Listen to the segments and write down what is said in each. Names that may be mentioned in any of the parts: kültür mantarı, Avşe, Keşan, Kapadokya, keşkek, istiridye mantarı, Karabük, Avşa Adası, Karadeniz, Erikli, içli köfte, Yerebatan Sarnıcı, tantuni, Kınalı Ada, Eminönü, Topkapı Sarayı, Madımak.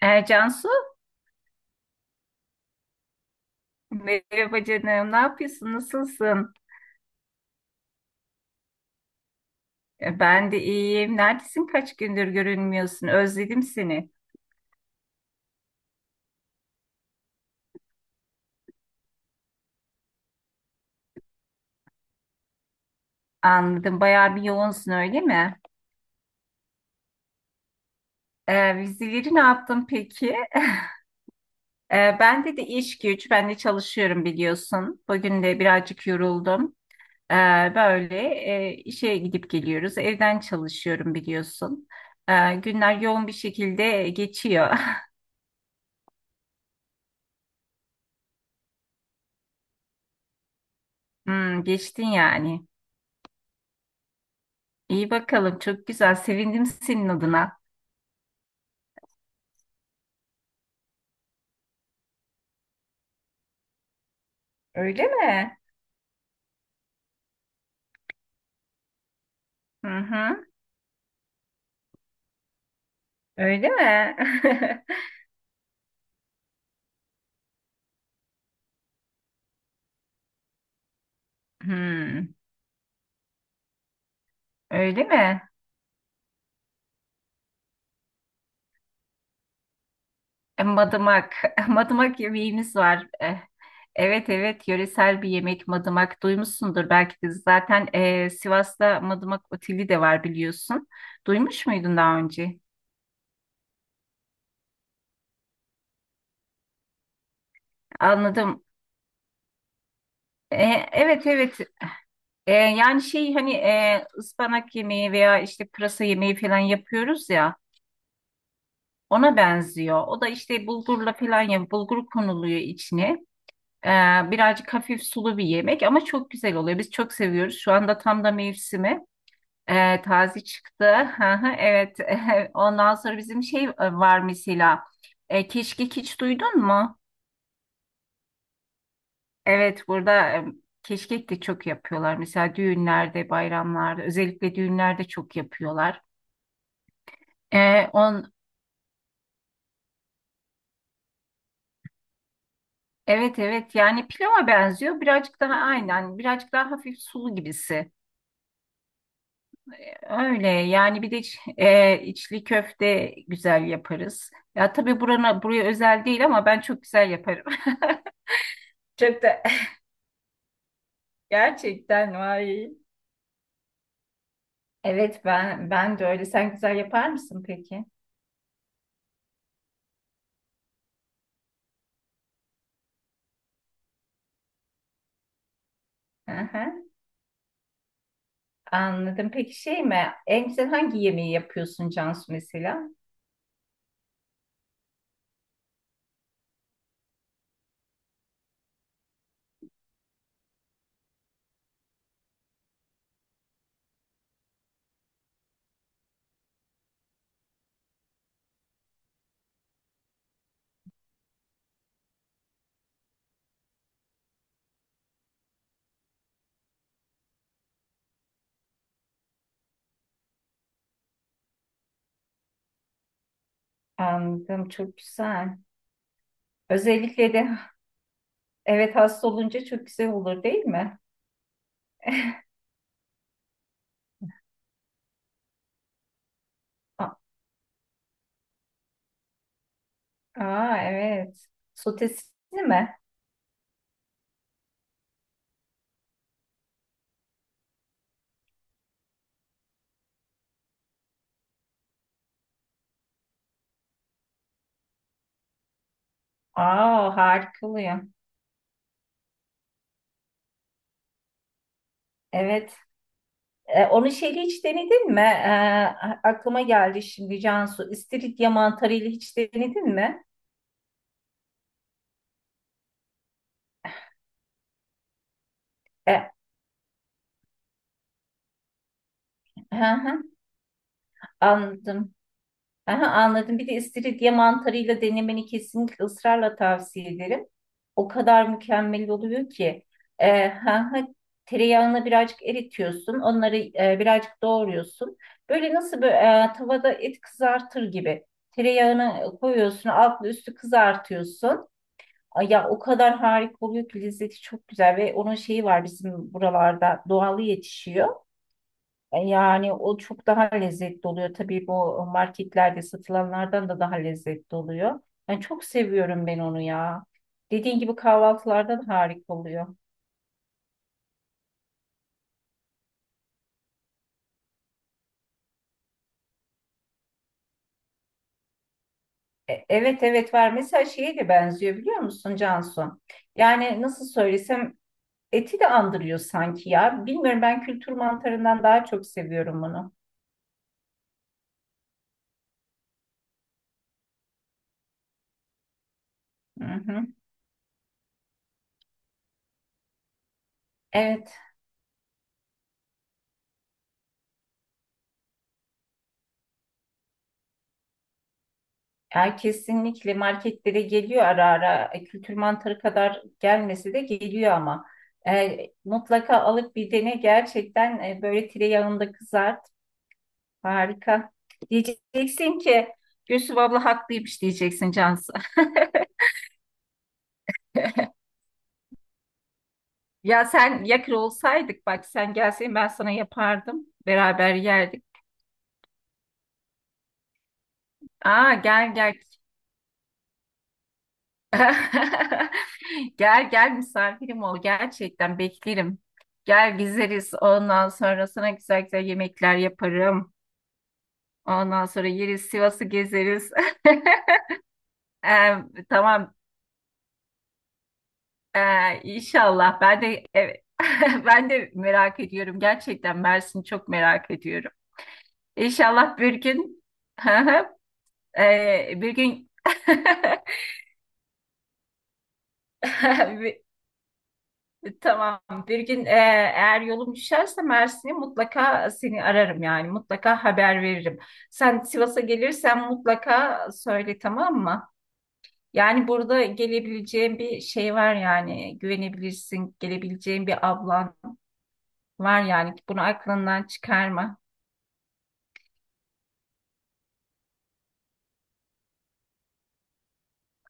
Cansu, merhaba canım. Ne yapıyorsun? Nasılsın? Ben de iyiyim. Neredesin? Kaç gündür görünmüyorsun? Özledim seni. Anladım. Bayağı bir yoğunsun, öyle mi? Vizeleri ne yaptın peki? Bende de iş güç. Ben de çalışıyorum biliyorsun. Bugün de birazcık yoruldum. E, böyle işe gidip geliyoruz. Evden çalışıyorum biliyorsun. Günler yoğun bir şekilde geçiyor. Hmm, geçtin yani. İyi bakalım. Çok güzel. Sevindim senin adına. Öyle mi? Hı hı. Öyle mi? Hmm, öyle mi? Madımak. Madımak yemeğimiz var. Eh, evet evet, yöresel bir yemek madımak, duymuşsundur belki de zaten. Sivas'ta Madımak Oteli de var biliyorsun. Duymuş muydun daha önce? Anladım. Evet evet. Yani şey hani ıspanak yemeği veya işte pırasa yemeği falan yapıyoruz ya. Ona benziyor. O da işte bulgurla falan, ya bulgur konuluyor içine. Ee, Birazcık hafif sulu bir yemek ama çok güzel oluyor. Biz çok seviyoruz. Şu anda tam da mevsimi. Taze çıktı. Hı hı, evet. Ondan sonra bizim şey var mesela. Keşkek hiç duydun mu? Evet, burada keşkek de çok yapıyorlar. Mesela düğünlerde, bayramlarda, özellikle düğünlerde çok yapıyorlar. E, on, Evet evet, yani pilava benziyor birazcık, daha aynen birazcık daha hafif sulu gibisi, öyle yani. Bir de içli köfte güzel yaparız ya, tabii burana buraya özel değil ama ben çok güzel yaparım. Çok da gerçekten vay. Evet ben, ben de öyle. Sen güzel yapar mısın peki? Hı hı. Anladım. Peki şey mi? En güzel hangi yemeği yapıyorsun Cansu mesela? Anladım, çok güzel. Özellikle de evet, hasta olunca çok güzel olur değil mi? A- Aa, evet. Sotesini mi? Aa, harika oluyor. Evet. Onu şeyle hiç denedin mi? Aklıma geldi şimdi Cansu. İstiridye mantarıyla hiç denedin mi? E, hı hı, anladım. Aha, anladım. Bir de istiridye mantarıyla denemeni kesinlikle ısrarla tavsiye ederim. O kadar mükemmel oluyor ki. Ee, ha, ha, Tereyağını birazcık eritiyorsun. Onları birazcık doğruyorsun. Böyle nasıl böyle, tavada et kızartır gibi. Tereyağını koyuyorsun. Altlı üstü kızartıyorsun. Ay ya, o kadar harika oluyor ki, lezzeti çok güzel ve onun şeyi var, bizim buralarda doğalı yetişiyor. Yani o çok daha lezzetli oluyor. Tabii bu marketlerde satılanlardan da daha lezzetli oluyor. Ben çok seviyorum ben onu ya. Dediğin gibi kahvaltılardan harika oluyor. Evet evet var. Mesela şeye de benziyor, biliyor musun Cansu? Yani nasıl söylesem, eti de andırıyor sanki ya. Bilmiyorum, ben kültür mantarından daha çok seviyorum bunu. Hı hı. Evet. Yani kesinlikle marketlere geliyor ara ara. Kültür mantarı kadar gelmesi de geliyor ama. E, Mutlaka alıp bir dene gerçekten, böyle tereyağında kızart. Harika. Diyeceksin ki Gülsüm abla haklıymış, diyeceksin Cansu. Ya sen yakır olsaydık, bak sen gelseydin ben sana yapardım. Beraber yerdik. Aa, gel gel. Gel gel, misafirim ol, gerçekten beklerim. Gel gezeriz, ondan sonra sana güzel güzel yemekler yaparım. Ondan sonra yeriz, Sivas'ı gezeriz. Ee, tamam. İnşallah ben de, evet. Ben de merak ediyorum gerçekten, Mersin'i çok merak ediyorum. İnşallah bir gün, bir gün. Tamam. Bir gün, eğer yolum düşerse Mersin'e, mutlaka seni ararım yani. Mutlaka haber veririm. Sen Sivas'a gelirsen mutlaka söyle, tamam mı? Yani burada gelebileceğin bir şey var yani. Güvenebilirsin. Gelebileceğin bir ablan var yani. Bunu aklından çıkarma.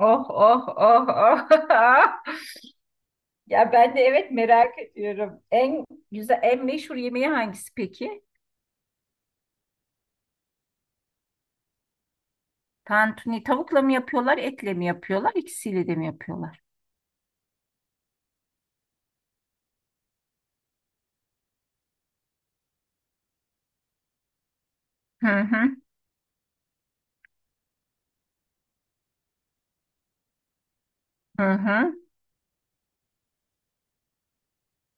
Oh oh oh oh. Ya ben de evet, merak ediyorum. En güzel, en meşhur yemeği hangisi peki? Tantuni tavukla mı yapıyorlar, etle mi yapıyorlar, ikisiyle de mi yapıyorlar? Hı hı, hı hı.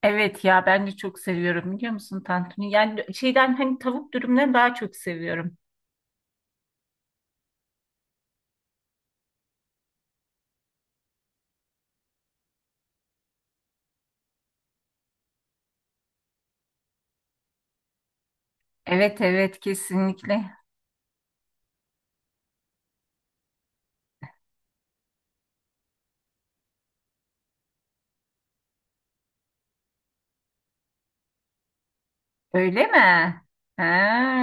Evet ya, ben de çok seviyorum biliyor musun tantuni? Yani şeyden hani tavuk dürümden daha çok seviyorum. Evet evet, kesinlikle. Öyle mi? Ha,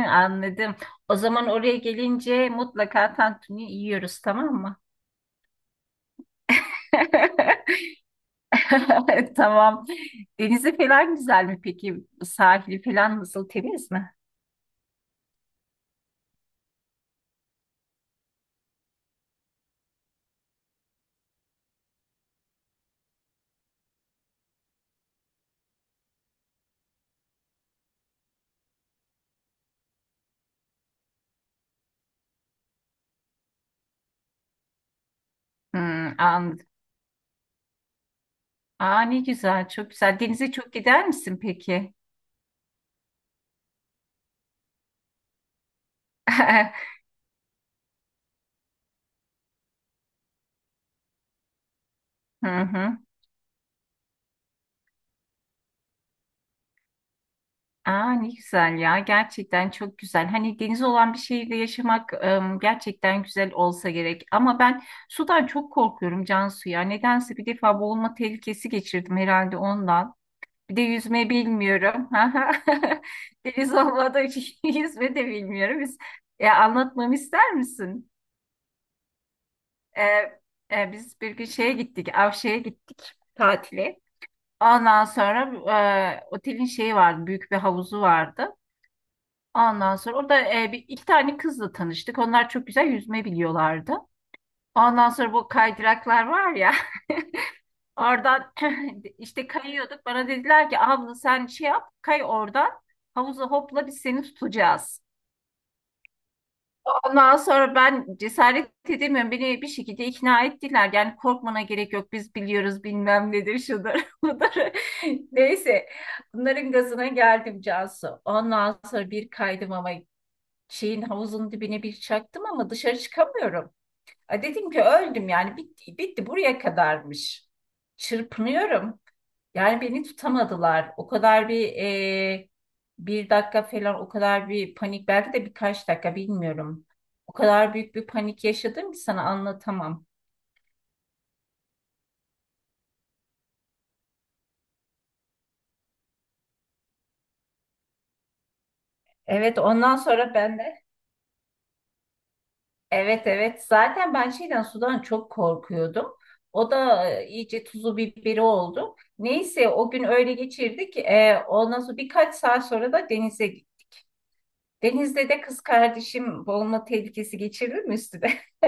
anladım. O zaman oraya gelince mutlaka tantuni yiyoruz, tamam mı? Tamam. Denizi falan güzel mi peki? Sahili falan nasıl, temiz mi? Hmm, anladım. Aa ne güzel, çok güzel. Denize çok gider misin peki? Hı hı. Aa, ne güzel ya, gerçekten çok güzel. Hani deniz olan bir şehirde yaşamak em, gerçekten güzel olsa gerek. Ama ben sudan çok korkuyorum Cansu ya. Nedense bir defa boğulma tehlikesi geçirdim herhalde, ondan. Bir de yüzme bilmiyorum. Deniz olmadığı için yüzme de bilmiyorum. Anlatmamı ister misin? E, Biz bir gün şeye gittik, Avşe'ye gittik tatile. Ondan sonra otelin şeyi vardı, büyük bir havuzu vardı. Ondan sonra orada bir, iki tane kızla tanıştık. Onlar çok güzel yüzme biliyorlardı. Ondan sonra bu kaydıraklar var ya, oradan işte kayıyorduk. Bana dediler ki abla sen şey yap, kay oradan havuza hopla, biz seni tutacağız. Ondan sonra ben cesaret edemiyorum. Beni bir şekilde ikna ettiler. Yani korkmana gerek yok. Biz biliyoruz, bilmem nedir, şudur budur. Neyse, bunların gazına geldim Cansu. Ondan sonra bir kaydım ama şeyin, havuzun dibine bir çaktım ama dışarı çıkamıyorum. A dedim ki öldüm yani, bitti, bitti, buraya kadarmış. Çırpınıyorum. Yani beni tutamadılar. O kadar bir e, Bir dakika falan, o kadar bir panik, belki de birkaç dakika bilmiyorum. O kadar büyük bir panik yaşadım ki sana anlatamam. Evet, ondan sonra ben de. Evet evet, zaten ben şeyden, sudan çok korkuyordum. O da iyice tuzu biberi oldu. Neyse, o gün öyle geçirdik. Ondan sonra birkaç saat sonra da denize gittik. Denizde de kız kardeşim boğulma tehlikesi geçirdi mi üstüne?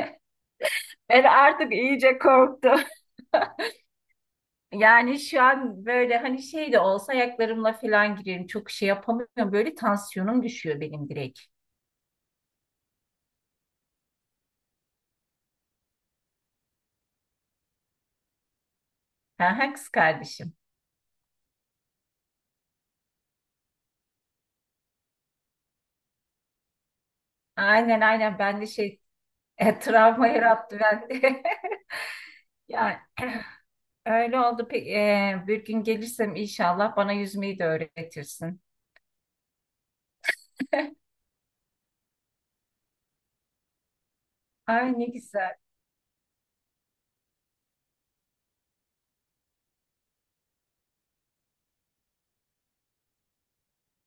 Ben artık iyice korktum. Yani şu an böyle hani şey de olsa ayaklarımla falan girerim. Çok şey yapamıyorum. Böyle tansiyonum düşüyor benim direkt. Ha, ha, kız kardeşim. Aynen aynen, ben de şey, travma yarattı bende. Yani öyle oldu. Bir gün gelirsem inşallah bana yüzmeyi de öğretirsin. Ay ne güzel.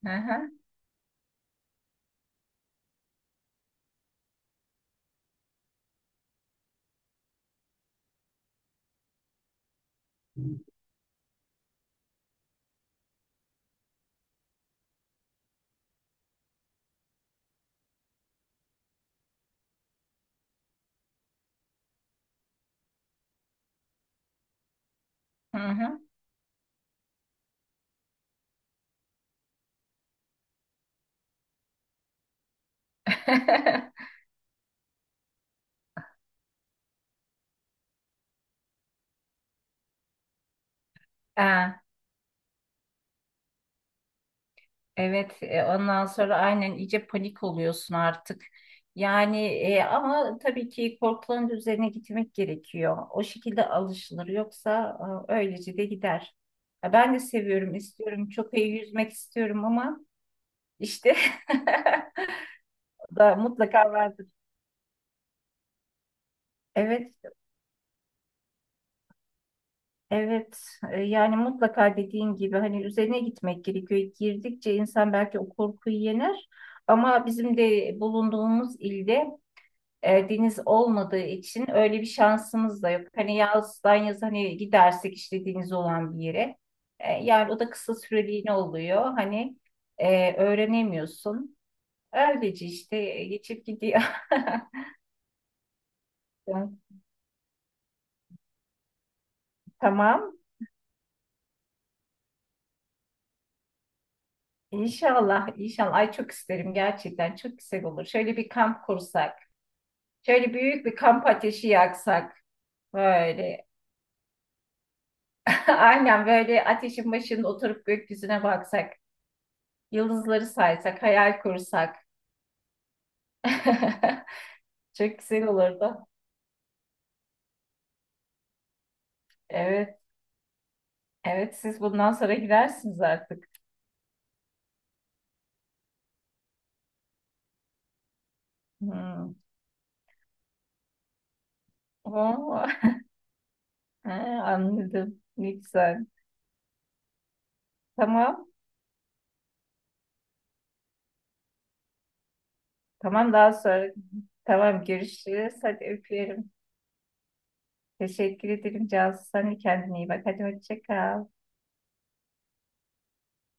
Hı hı. Hı hı. Ha, evet. Ondan sonra aynen iyice panik oluyorsun artık. Yani ama tabii ki korkuların üzerine gitmek gerekiyor. O şekilde alışılır. Yoksa öylece de gider. Ya ben de seviyorum, istiyorum. Çok iyi yüzmek istiyorum ama işte da mutlaka vardır. Evet. Evet, yani mutlaka dediğin gibi hani üzerine gitmek gerekiyor. Girdikçe insan belki o korkuyu yener ama bizim de bulunduğumuz ilde deniz olmadığı için öyle bir şansımız da yok. Hani yazdan yaz hani gidersek işte deniz olan bir yere. Yani o da kısa süreliğine oluyor. Hani öğrenemiyorsun. Öylece işte geçip gidiyor. Tamam. İnşallah, inşallah. Ay çok isterim gerçekten. Çok güzel olur. Şöyle bir kamp kursak. Şöyle büyük bir kamp ateşi yaksak böyle. Aynen böyle ateşin başında oturup gökyüzüne baksak, yıldızları saysak, hayal kursak. Çok güzel olurdu. Evet, evet siz bundan sonra gidersiniz artık. Hmm. Oo, he, anladım. Ne güzel. Tamam, tamam daha sonra. Tamam görüşürüz. Hadi öpüyorum. Teşekkür ederim Cansu. Sen de kendine iyi bak. Hadi hoşça kal.